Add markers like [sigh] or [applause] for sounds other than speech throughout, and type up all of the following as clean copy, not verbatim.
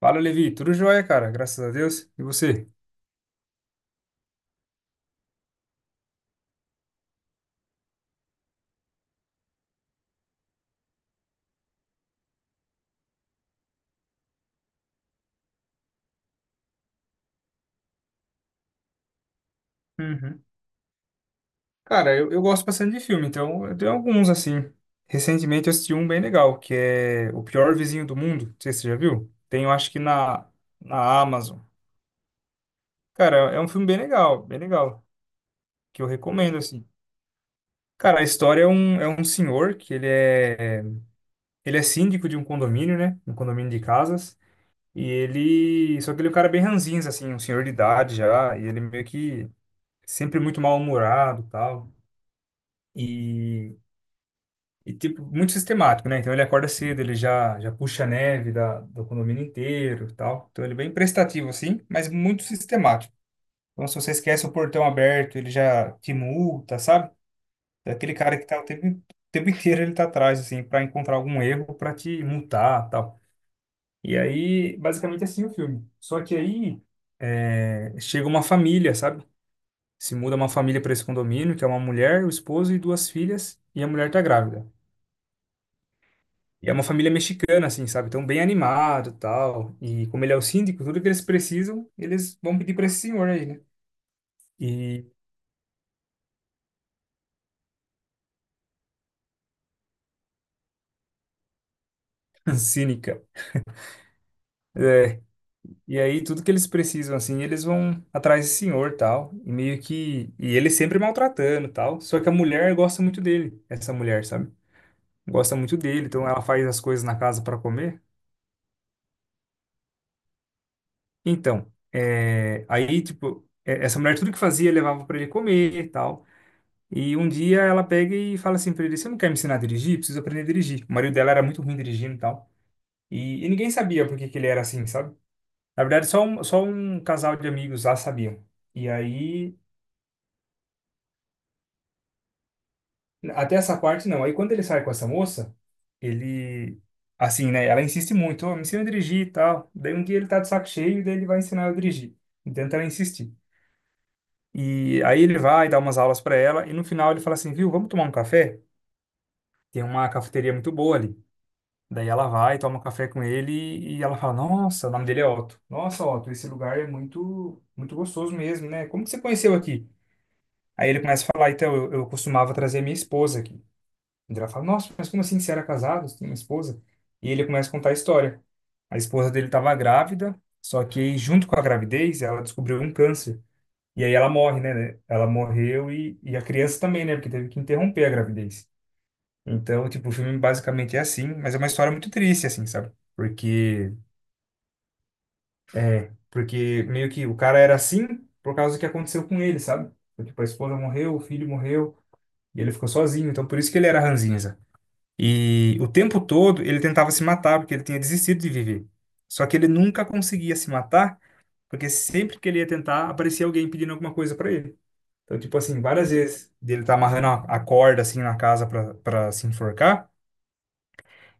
Fala, Levi. Tudo jóia, cara. Graças a Deus. E você? Uhum. Cara, eu gosto bastante de filme, então eu tenho alguns, assim. Recentemente eu assisti um bem legal, que é O Pior Vizinho do Mundo. Não sei se você já viu. Tem, eu acho que na Amazon. Cara, é um filme bem legal, que eu recomendo, assim. Cara, a história é um senhor que ele é síndico de um condomínio, né? Um condomínio de casas. E ele... Só que ele é um cara bem ranzinza, assim, um senhor de idade já. E ele é meio que sempre muito mal-humorado e tal. E, e tipo, muito sistemático, né? Então ele acorda cedo, ele já puxa a neve da, do condomínio inteiro e tal. Então ele é bem prestativo, assim, mas muito sistemático. Então se você esquece o portão aberto, ele já te multa, sabe? É aquele cara que tá o tempo inteiro ele tá atrás, assim, para encontrar algum erro para te multar tal. E aí, basicamente, é assim o filme. Só que aí chega uma família, sabe? Se muda uma família para esse condomínio, que é uma mulher, o esposo e duas filhas, e a mulher tá grávida. E é uma família mexicana, assim, sabe? Então, bem animado, tal. E como ele é o síndico, tudo que eles precisam, eles vão pedir para esse senhor aí, né? E [laughs] cínica. E aí, tudo que eles precisam, assim, eles vão atrás desse senhor, tal. E meio que... E ele sempre maltratando, tal. Só que a mulher gosta muito dele, essa mulher, sabe? Gosta muito dele, então ela faz as coisas na casa para comer. Então, aí, tipo, essa mulher tudo que fazia levava para ele comer, tal. E um dia ela pega e fala assim pra ele: Você não quer me ensinar a dirigir? Preciso aprender a dirigir. O marido dela era muito ruim dirigindo e tal. E ninguém sabia por que que ele era assim, sabe? Na verdade, só um casal de amigos lá sabiam. E aí, até essa parte não. Aí quando ele sai com essa moça, ele. Assim, né? Ela insiste muito: "Ô, me ensina a dirigir e tal. Daí um dia ele tá de saco cheio e daí ele vai ensinar eu a dirigir. Então ela insistir. E aí ele vai dar umas aulas pra ela e no final ele fala assim: Viu, vamos tomar um café? Tem uma cafeteria muito boa ali. Daí ela vai, toma um café com ele e ela fala: Nossa, o nome dele é Otto. Nossa, Otto, esse lugar é muito, muito gostoso mesmo, né? Como que você conheceu aqui? Aí ele começa a falar: Então, eu costumava trazer minha esposa aqui. E ela fala: Nossa, mas como assim? Você era casado? Você tem uma esposa? E ele começa a contar a história. A esposa dele estava grávida, só que aí, junto com a gravidez, ela descobriu um câncer. E aí ela morre, né? né? Ela morreu e a criança também, né? Porque teve que interromper a gravidez. Então, tipo, o filme basicamente é assim, mas é uma história muito triste, assim, sabe? Porque, porque meio que o cara era assim por causa do que aconteceu com ele, sabe? Tipo, a esposa morreu, o filho morreu, e ele ficou sozinho, então por isso que ele era ranzinza. E o tempo todo ele tentava se matar, porque ele tinha desistido de viver. Só que ele nunca conseguia se matar, porque sempre que ele ia tentar, aparecia alguém pedindo alguma coisa pra ele. Então, tipo assim, várias vezes dele tá amarrando a corda, assim, na casa pra, pra se enforcar,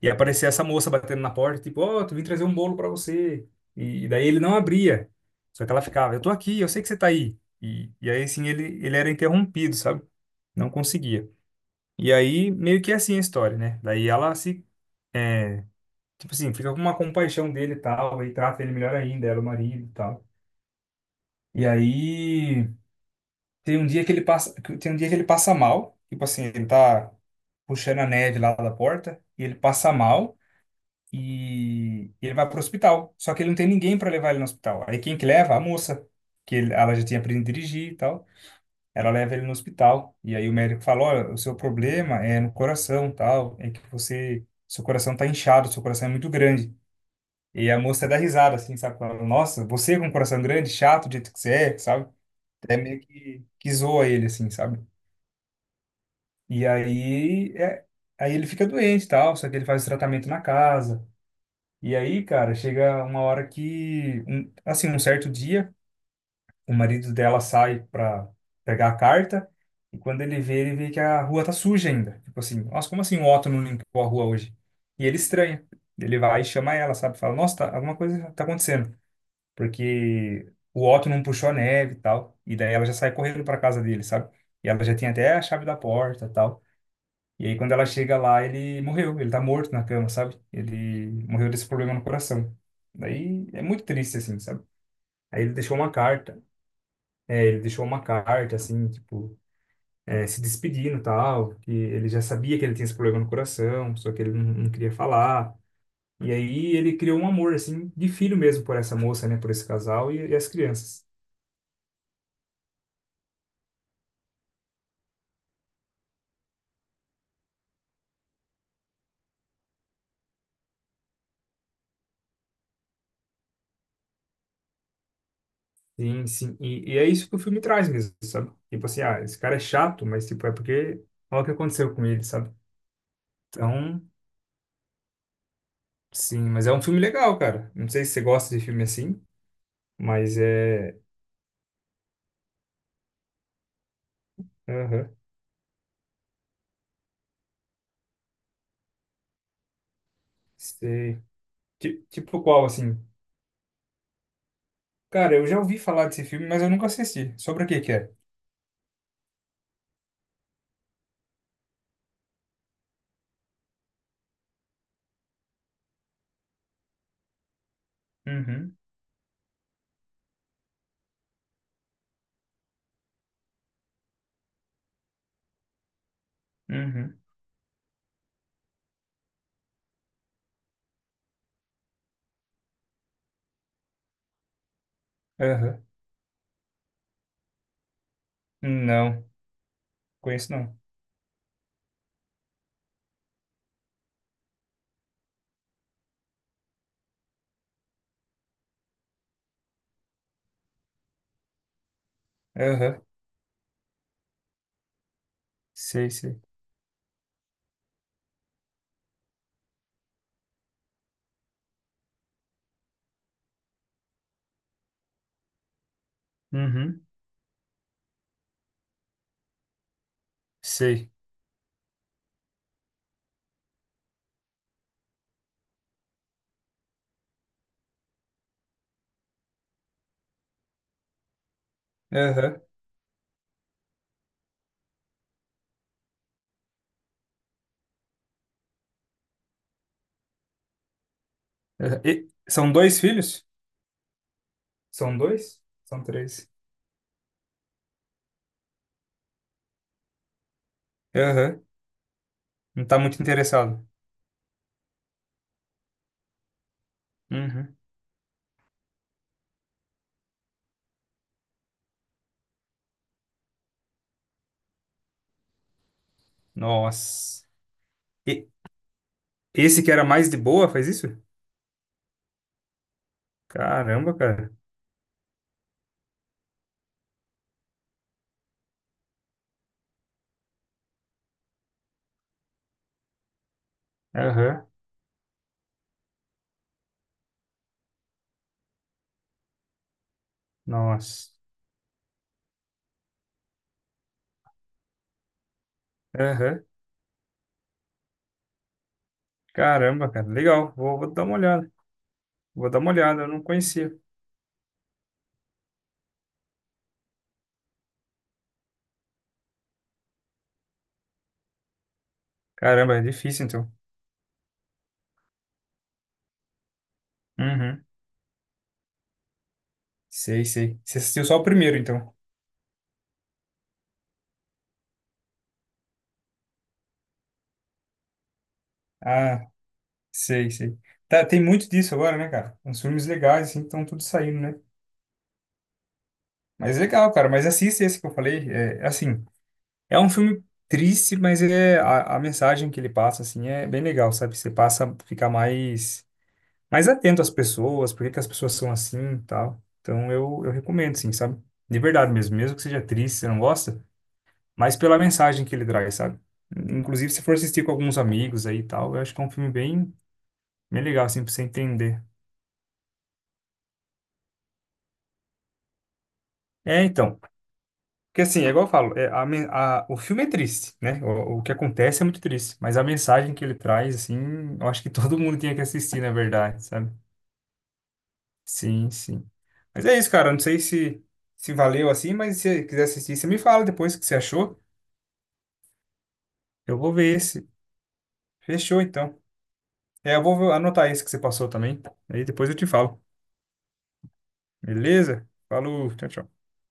e aparecia essa moça batendo na porta, tipo, ó, tu vim trazer um bolo pra você. E daí ele não abria. Só que ela ficava, eu tô aqui, eu sei que você tá aí. E aí, assim, ele era interrompido, sabe? Não conseguia. E aí, meio que é assim a história, né? Daí ela se, é, tipo assim, fica com uma compaixão dele e tal, e trata ele melhor ainda, ela, o marido e tal. E aí, tem um dia que ele passa, tem um dia que ele passa mal, tipo assim, ele tá puxando a neve lá da porta, e ele passa mal. E ele vai para o hospital. Só que ele não tem ninguém para levar ele no hospital. Aí quem que leva? A moça, ela já tinha aprendido a dirigir e tal. Ela leva ele no hospital. E aí o médico fala, olha, o seu problema é no coração, tal, é que você, seu coração tá inchado, seu coração é muito grande. E a moça dá risada, assim, sabe? Fala, Nossa, você com um coração grande, chato, do jeito que você é, sabe? Até meio que zoa ele, assim, sabe? E aí, aí ele fica doente e tal, só que ele faz tratamento na casa. E aí, cara, chega uma hora que, assim, um certo dia, o marido dela sai pra pegar a carta e quando ele vê que a rua tá suja ainda. Tipo assim, nossa, como assim o Otto não limpou a rua hoje? E ele estranha. Ele vai e chama ela, sabe? Fala, nossa, tá, alguma coisa tá acontecendo. Porque o Otto não puxou a neve e tal. E daí ela já sai correndo pra casa dele, sabe? E ela já tem até a chave da porta e tal. E aí, quando ela chega lá, ele morreu. Ele tá morto na cama, sabe? Ele morreu desse problema no coração. Daí é muito triste, assim, sabe? Aí ele deixou uma carta. É, ele deixou uma carta, assim, tipo, é, se despedindo e tal. Que ele já sabia que ele tinha esse problema no coração, só que ele não queria falar. E aí ele criou um amor, assim, de filho mesmo por essa moça, né? Por esse casal e as crianças. Sim, sim. E é isso que o filme traz mesmo, sabe? Tipo assim, ah, esse cara é chato, mas, tipo, é porque olha o que aconteceu com ele, sabe? Então, sim, mas é um filme legal, cara. Não sei se você gosta de filme assim, mas é. Aham. Sei. Tipo qual, assim? Cara, eu já ouvi falar desse filme, mas eu nunca assisti. Sobre o que que é? Uhum, uhum, aham. Não, conheço não. Aham, sei, sei. Uhum, sei. Aham, aham. E são dois filhos? São dois? São três. Aham, não tá muito interessado. Uhum. Nossa. E esse que era mais de boa faz isso? Caramba, cara. Aham. Nossa. Aham. Caramba, cara. Legal. Vou, vou dar uma olhada. Vou dar uma olhada. Eu não conhecia. Caramba, é difícil, então. Uhum. Sei, sei. Você assistiu só o primeiro, então. Ah, sei, sei. Tá, tem muito disso agora, né, cara? Uns filmes legais, assim, estão tudo saindo, né? Mas legal, cara. Mas assiste esse que eu falei. É, assim, é um filme triste, mas ele é, a mensagem que ele passa, assim, é bem legal, sabe? Você passa a ficar mais mais atento às pessoas, por que que as pessoas são assim e tal. Então eu recomendo, sim, sabe? De verdade mesmo, mesmo que seja triste, você não gosta, mas pela mensagem que ele traz, sabe? Inclusive, se for assistir com alguns amigos aí e tal, eu acho que é um filme bem, bem legal, assim, pra você entender. É, então, porque assim, é igual eu falo, é, a, o filme é triste, né? O que acontece é muito triste, mas a mensagem que ele traz, assim, eu acho que [laughs] todo mundo tinha que assistir, na verdade, sabe? Sim, sim. Mas é isso, cara. Não sei se, se valeu assim, mas se você quiser assistir, você me fala depois o que você achou. Eu vou ver esse. Fechou, então. É, eu vou anotar esse que você passou também. Aí depois eu te falo. Beleza? Falou, tchau, tchau.